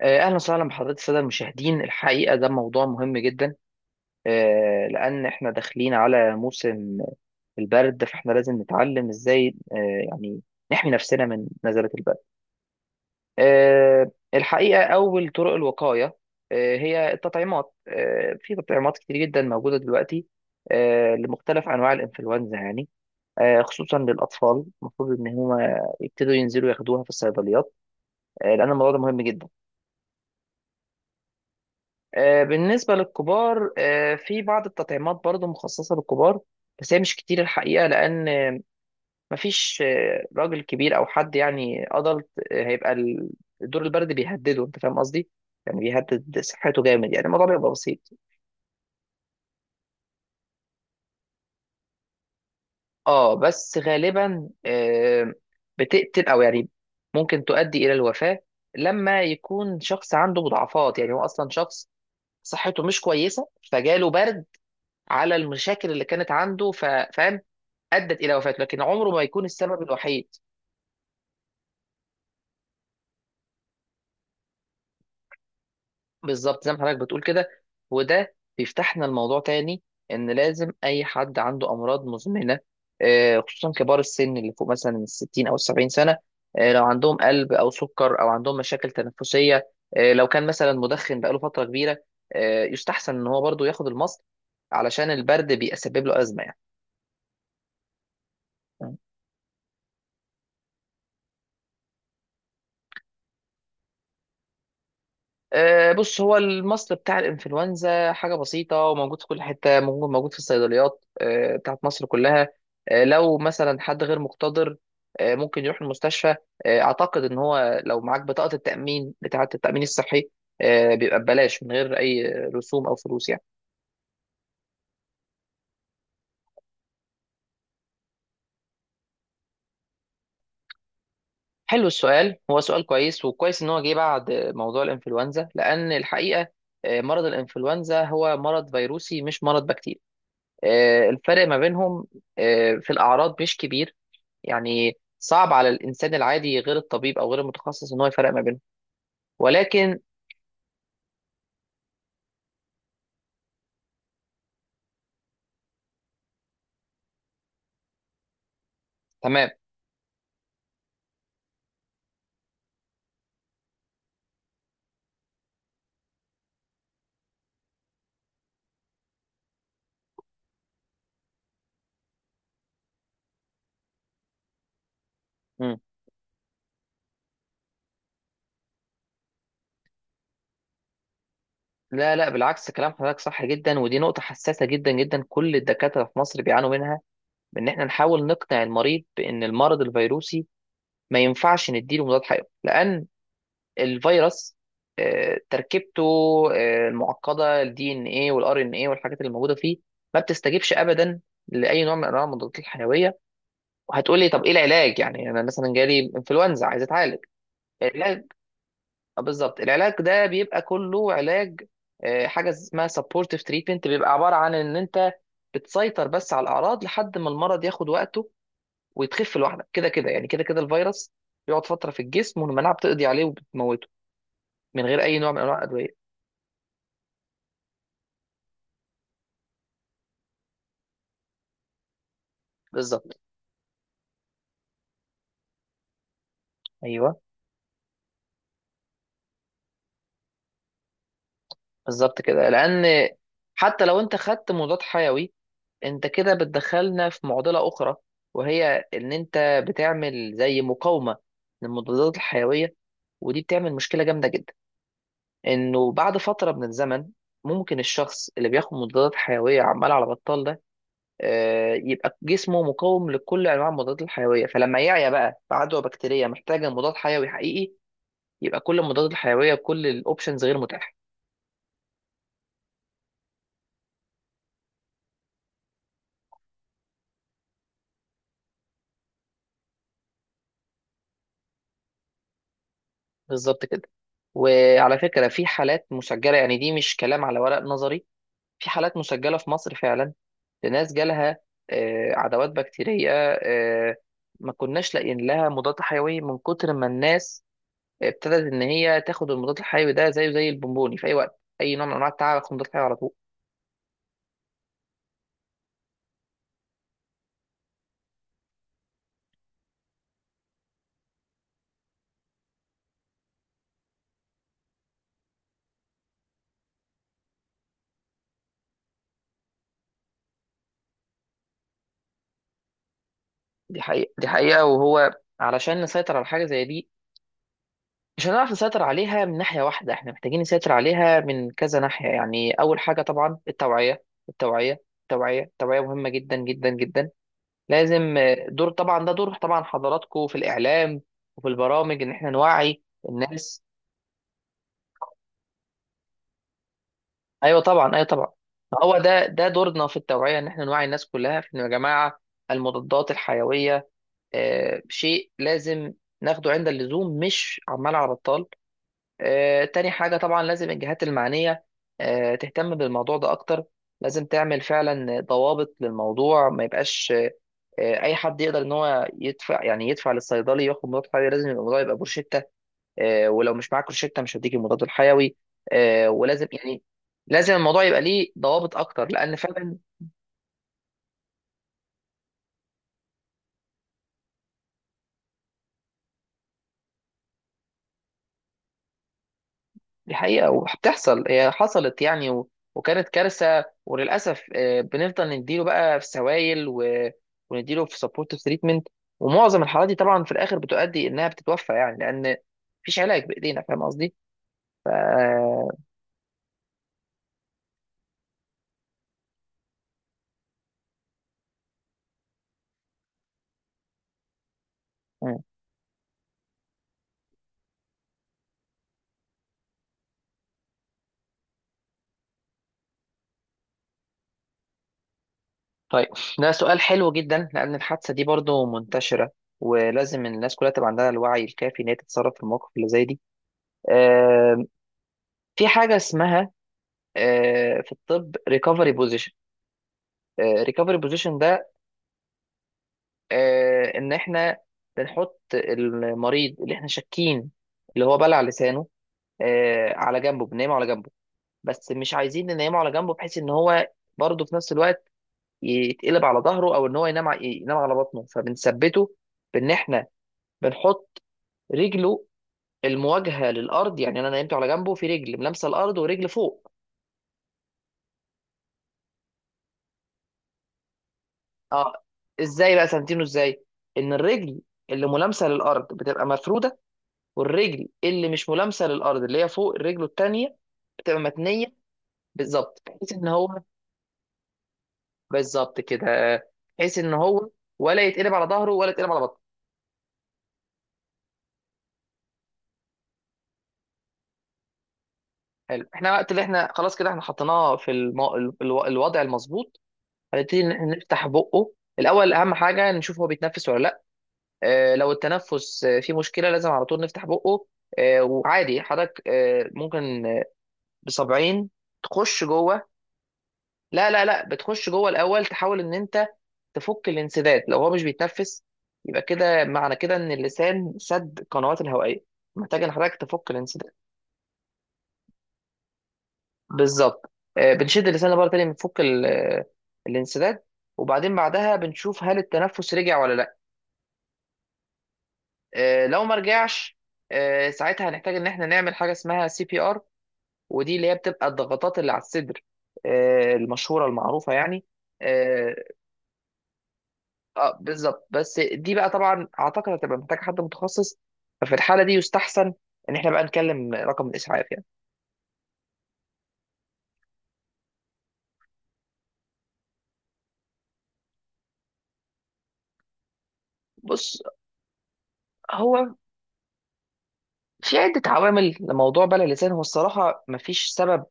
اهلا وسهلا بحضرتك الساده المشاهدين. الحقيقه ده موضوع مهم جدا. لان احنا داخلين على موسم البرد، فاحنا لازم نتعلم ازاي يعني نحمي نفسنا من نزلة البرد. الحقيقه اول طرق الوقايه هي التطعيمات. في تطعيمات كتير جدا موجوده دلوقتي لمختلف انواع الانفلونزا. يعني خصوصا للاطفال، المفروض ان هما يبتدوا ينزلوا ياخدوها في الصيدليات لان الموضوع ده مهم جدا. بالنسبة للكبار، في بعض التطعيمات برضو مخصصة للكبار. بس هي مش كتير الحقيقة، لأن مفيش راجل كبير أو حد يعني أدلت هيبقى الدور البرد بيهدده. أنت فاهم قصدي؟ يعني بيهدد صحته جامد، يعني الموضوع بيبقى بسيط. اه، بس غالبا بتقتل أو يعني ممكن تؤدي إلى الوفاة، لما يكون شخص عنده مضاعفات، يعني هو أصلا شخص صحته مش كويسة فجاله برد على المشاكل اللي كانت عنده فاهم، ادت الى وفاته، لكن عمره ما يكون السبب الوحيد. بالظبط زي ما حضرتك بتقول كده. وده بيفتحنا الموضوع تاني، ان لازم اي حد عنده امراض مزمنه، خصوصا كبار السن اللي فوق مثلا من 60 او 70 سنه. لو عندهم قلب او سكر او عندهم مشاكل تنفسيه، لو كان مثلا مدخن بقاله فتره كبيره، يستحسن ان هو برضو ياخد المصل، علشان البرد بيسبب له ازمه يعني. بص، هو المصل بتاع الانفلونزا حاجه بسيطه وموجود في كل حته. موجود في الصيدليات بتاعت مصر كلها. لو مثلا حد غير مقتدر، ممكن يروح المستشفى. اعتقد ان هو لو معاك بطاقه التامين بتاعه التامين الصحي، بيبقى ببلاش من غير اي رسوم او فلوس يعني. حلو السؤال، هو سؤال كويس، وكويس ان هو جه بعد موضوع الانفلونزا لان الحقيقه مرض الانفلونزا هو مرض فيروسي مش مرض بكتيري. الفرق ما بينهم في الأعراض مش كبير، يعني صعب على الإنسان العادي غير الطبيب أو غير المتخصص إن هو يفرق ما بينهم. ولكن تمام. مم. لا، لا، بالعكس كلام حضرتك صح جدا، ودي نقطة حساسة جدا جدا. كل الدكاترة في مصر بيعانوا منها بإن إحنا نحاول نقنع المريض بإن المرض الفيروسي ما ينفعش نديله مضاد حيوي، لأن الفيروس تركيبته المعقدة الدي ان ايه والار ان ايه والحاجات اللي موجودة فيه ما بتستجيبش أبدا لأي نوع من أنواع المضادات الحيوية. وهتقولي طب ايه العلاج، يعني انا مثلا جالي انفلونزا عايز اتعالج. العلاج بالظبط، العلاج ده بيبقى كله علاج حاجه اسمها سبورتيف تريتمنت، بيبقى عباره عن ان انت بتسيطر بس على الاعراض لحد ما المرض ياخد وقته، ويتخف لوحده كده كده، يعني كده كده الفيروس بيقعد فتره في الجسم، والمناعه بتقضي عليه وبتموته من غير اي نوع من انواع الادويه. بالظبط. ايوه، بالظبط كده، لان حتى لو انت خدت مضاد حيوي، انت كده بتدخلنا في معضلة أخرى، وهي إن أنت بتعمل زي مقاومة للمضادات الحيوية. ودي بتعمل مشكلة جامدة جدا، إنه بعد فترة من الزمن ممكن الشخص اللي بياخد مضادات حيوية عمال على بطال ده يبقى جسمه مقاوم لكل أنواع المضادات الحيوية. فلما يعيا بقى في عدوى بكتيرية محتاجة مضاد حيوي حقيقي، يبقى كل المضادات الحيوية كل الأوبشنز غير متاحة. بالظبط كده. وعلى فكرة، في حالات مسجلة، يعني دي مش كلام على ورق نظري. في حالات مسجلة في مصر فعلا، لناس جالها عدوات بكتيرية آه، ما كناش لاقيين لها مضاد حيوي، من كتر ما الناس ابتدت ان هي تاخد المضاد الحيوي ده زيه زي البونبوني، في اي وقت اي نوع من انواع التعب هاخد مضاد حيوي على طول. دي حقيقة، دي حقيقة، وهو علشان نسيطر على حاجة زي دي مش هنعرف نسيطر عليها من ناحية واحدة، احنا محتاجين نسيطر عليها من كذا ناحية. يعني اول حاجة طبعا التوعية، التوعية، التوعية، التوعية مهمة جدا جدا جدا. لازم دور طبعا. ده دور طبعا حضراتكم في الاعلام وفي البرامج، ان احنا نوعي الناس. ايوه طبعا، ايوه طبعا، هو ده دورنا في التوعيه، ان احنا نوعي الناس كلها في انه يا جماعه المضادات الحيويه شيء لازم ناخده عند اللزوم مش عمال على بطال. تاني حاجه طبعا لازم الجهات المعنيه تهتم بالموضوع ده اكتر. لازم تعمل فعلا ضوابط للموضوع، ما يبقاش اي حد يقدر ان هو يدفع يعني يدفع للصيدلي ياخد مضاد حيوي. لازم يبقى الموضوع يبقى بروشته، ولو مش معاك روشته مش هديك المضاد الحيوي. ولازم يعني لازم الموضوع يبقى ليه ضوابط اكتر لان فعلا. دي حقيقه وبتحصل، هي حصلت يعني وكانت كارثه وللاسف. بنفضل نديله بقى في سوائل ونديله في سبورتيف تريتمنت. ومعظم الحالات دي طبعا في الاخر بتؤدي انها بتتوفى يعني، لان مفيش علاج بايدينا. فاهم قصدي؟ ف... طيب، ده سؤال حلو جدا، لأن الحادثة دي برضو منتشرة، ولازم الناس كلها تبقى عندها الوعي الكافي إن هي تتصرف في المواقف اللي زي دي. آم، في حاجة اسمها في الطب ريكفري بوزيشن. ريكفري بوزيشن ده إن إحنا بنحط المريض اللي إحنا شاكين اللي هو بلع لسانه على جنبه. بننيمه على جنبه، بس مش عايزين ننيمه على جنبه بحيث إن هو برضه في نفس الوقت يتقلب على ظهره، أو إن هو ينام ينام على بطنه. فبنثبته بان احنا بنحط رجله المواجهه للارض، يعني انا نايمته على جنبه في رجل ملامسه الارض ورجل فوق. اه. ازاي بقى سنتينه؟ ازاي ان الرجل اللي ملامسه للارض بتبقى مفروده، والرجل اللي مش ملامسه للارض اللي هي فوق رجله التانيه بتبقى متنيه. بالظبط بحيث ان هو. بالظبط كده، بحيث ان هو ولا يتقلب على ظهره ولا يتقلب على بطنه. حلو. احنا وقت اللي احنا خلاص كده احنا حطيناه في الوضع المظبوط، هنبتدي ان احنا نفتح بقه. الاول اهم حاجه نشوف هو بيتنفس ولا لا. لو التنفس فيه مشكله، لازم على طول نفتح بقه. وعادي حضرتك ممكن بصبعين تخش جوه. لا، لا، لا بتخش جوه الاول. تحاول ان انت تفك الانسداد، لو هو مش بيتنفس يبقى كده معنى كده ان اللسان سد القنوات الهوائيه، محتاج ان حضرتك تفك الانسداد. بالظبط. بنشد اللسان لبره تاني، بنفك الانسداد. وبعدين بعدها بنشوف هل التنفس رجع ولا لا. لو ما رجعش ساعتها هنحتاج ان احنا نعمل حاجه اسمها سي بي ار. ودي اللي هي بتبقى الضغطات اللي على الصدر المشهورة المعروفة يعني. اه. بالظبط. بس دي بقى طبعا اعتقد هتبقى محتاجة حد متخصص، ففي الحالة دي يستحسن ان احنا بقى نكلم رقم الاسعاف يعني. بص، هو في عدة عوامل لموضوع بلع اللسان. هو الصراحة مفيش سبب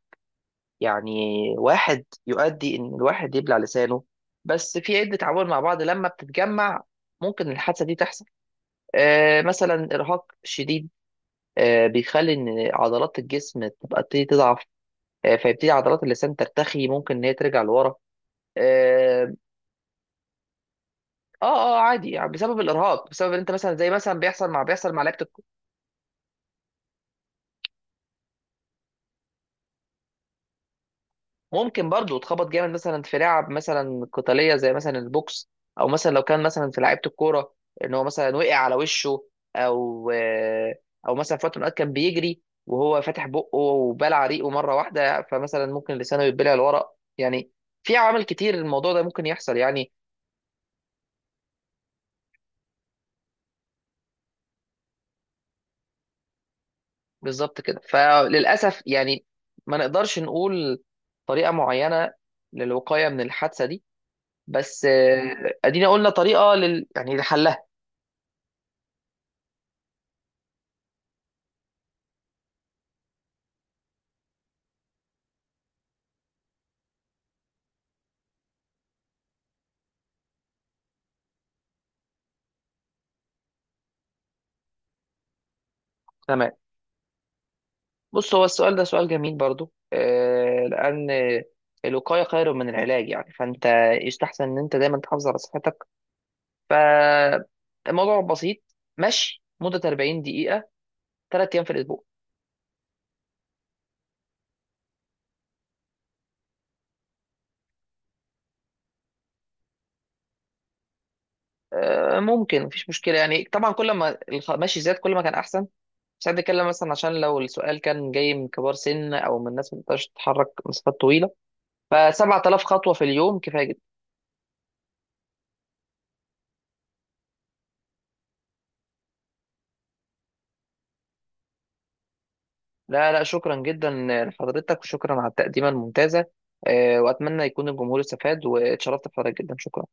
يعني واحد يؤدي ان الواحد يبلع لسانه، بس في عدة عوامل مع بعض لما بتتجمع ممكن الحادثة دي تحصل. مثلا إرهاق شديد بيخلي ان عضلات الجسم تبقى تبتدي تضعف. فيبتدي عضلات اللسان ترتخي، ممكن ان هي ترجع لورا. اه، اه. عادي يعني بسبب الارهاق، بسبب ان انت مثلا زي مثلا بيحصل مع لعيبه ممكن برضو تخبط جامد مثلا في لعب مثلا قتاليه زي مثلا البوكس، او مثلا لو كان مثلا في لعيبه الكوره ان هو مثلا وقع على وشه، او آه، او مثلا في وقت من الأوقات كان بيجري وهو فاتح بقه وبلع ريقه مره واحده، فمثلا ممكن لسانه يتبلع لورا يعني. في عوامل كتير الموضوع ده ممكن يحصل يعني. بالظبط كده، فللاسف يعني ما نقدرش نقول طريقه معينه للوقايه من الحادثه دي، بس ادينا قلنا طريقه يعني لحلها. تمام. بص، هو السؤال ده سؤال جميل برضو لان الوقايه خير من العلاج. يعني فانت يستحسن ان انت دايما تحافظ على صحتك. فالموضوع بسيط، مشي مده 40 دقيقه، 3 ايام في الاسبوع. ممكن مفيش مشكله يعني، طبعا كل ما المشي زاد كل ما كان احسن. بس احنا بنتكلم مثلا عشان لو السؤال كان جاي من كبار سن او من ناس ما بتقدرش تتحرك مسافات طويله، ف 7,000 خطوه في اليوم كفايه جدا. لا، لا، شكرا جدا لحضرتك، وشكرا على التقديمه الممتازه. واتمنى يكون الجمهور استفاد، واتشرفت بحضرتك جدا. شكرا.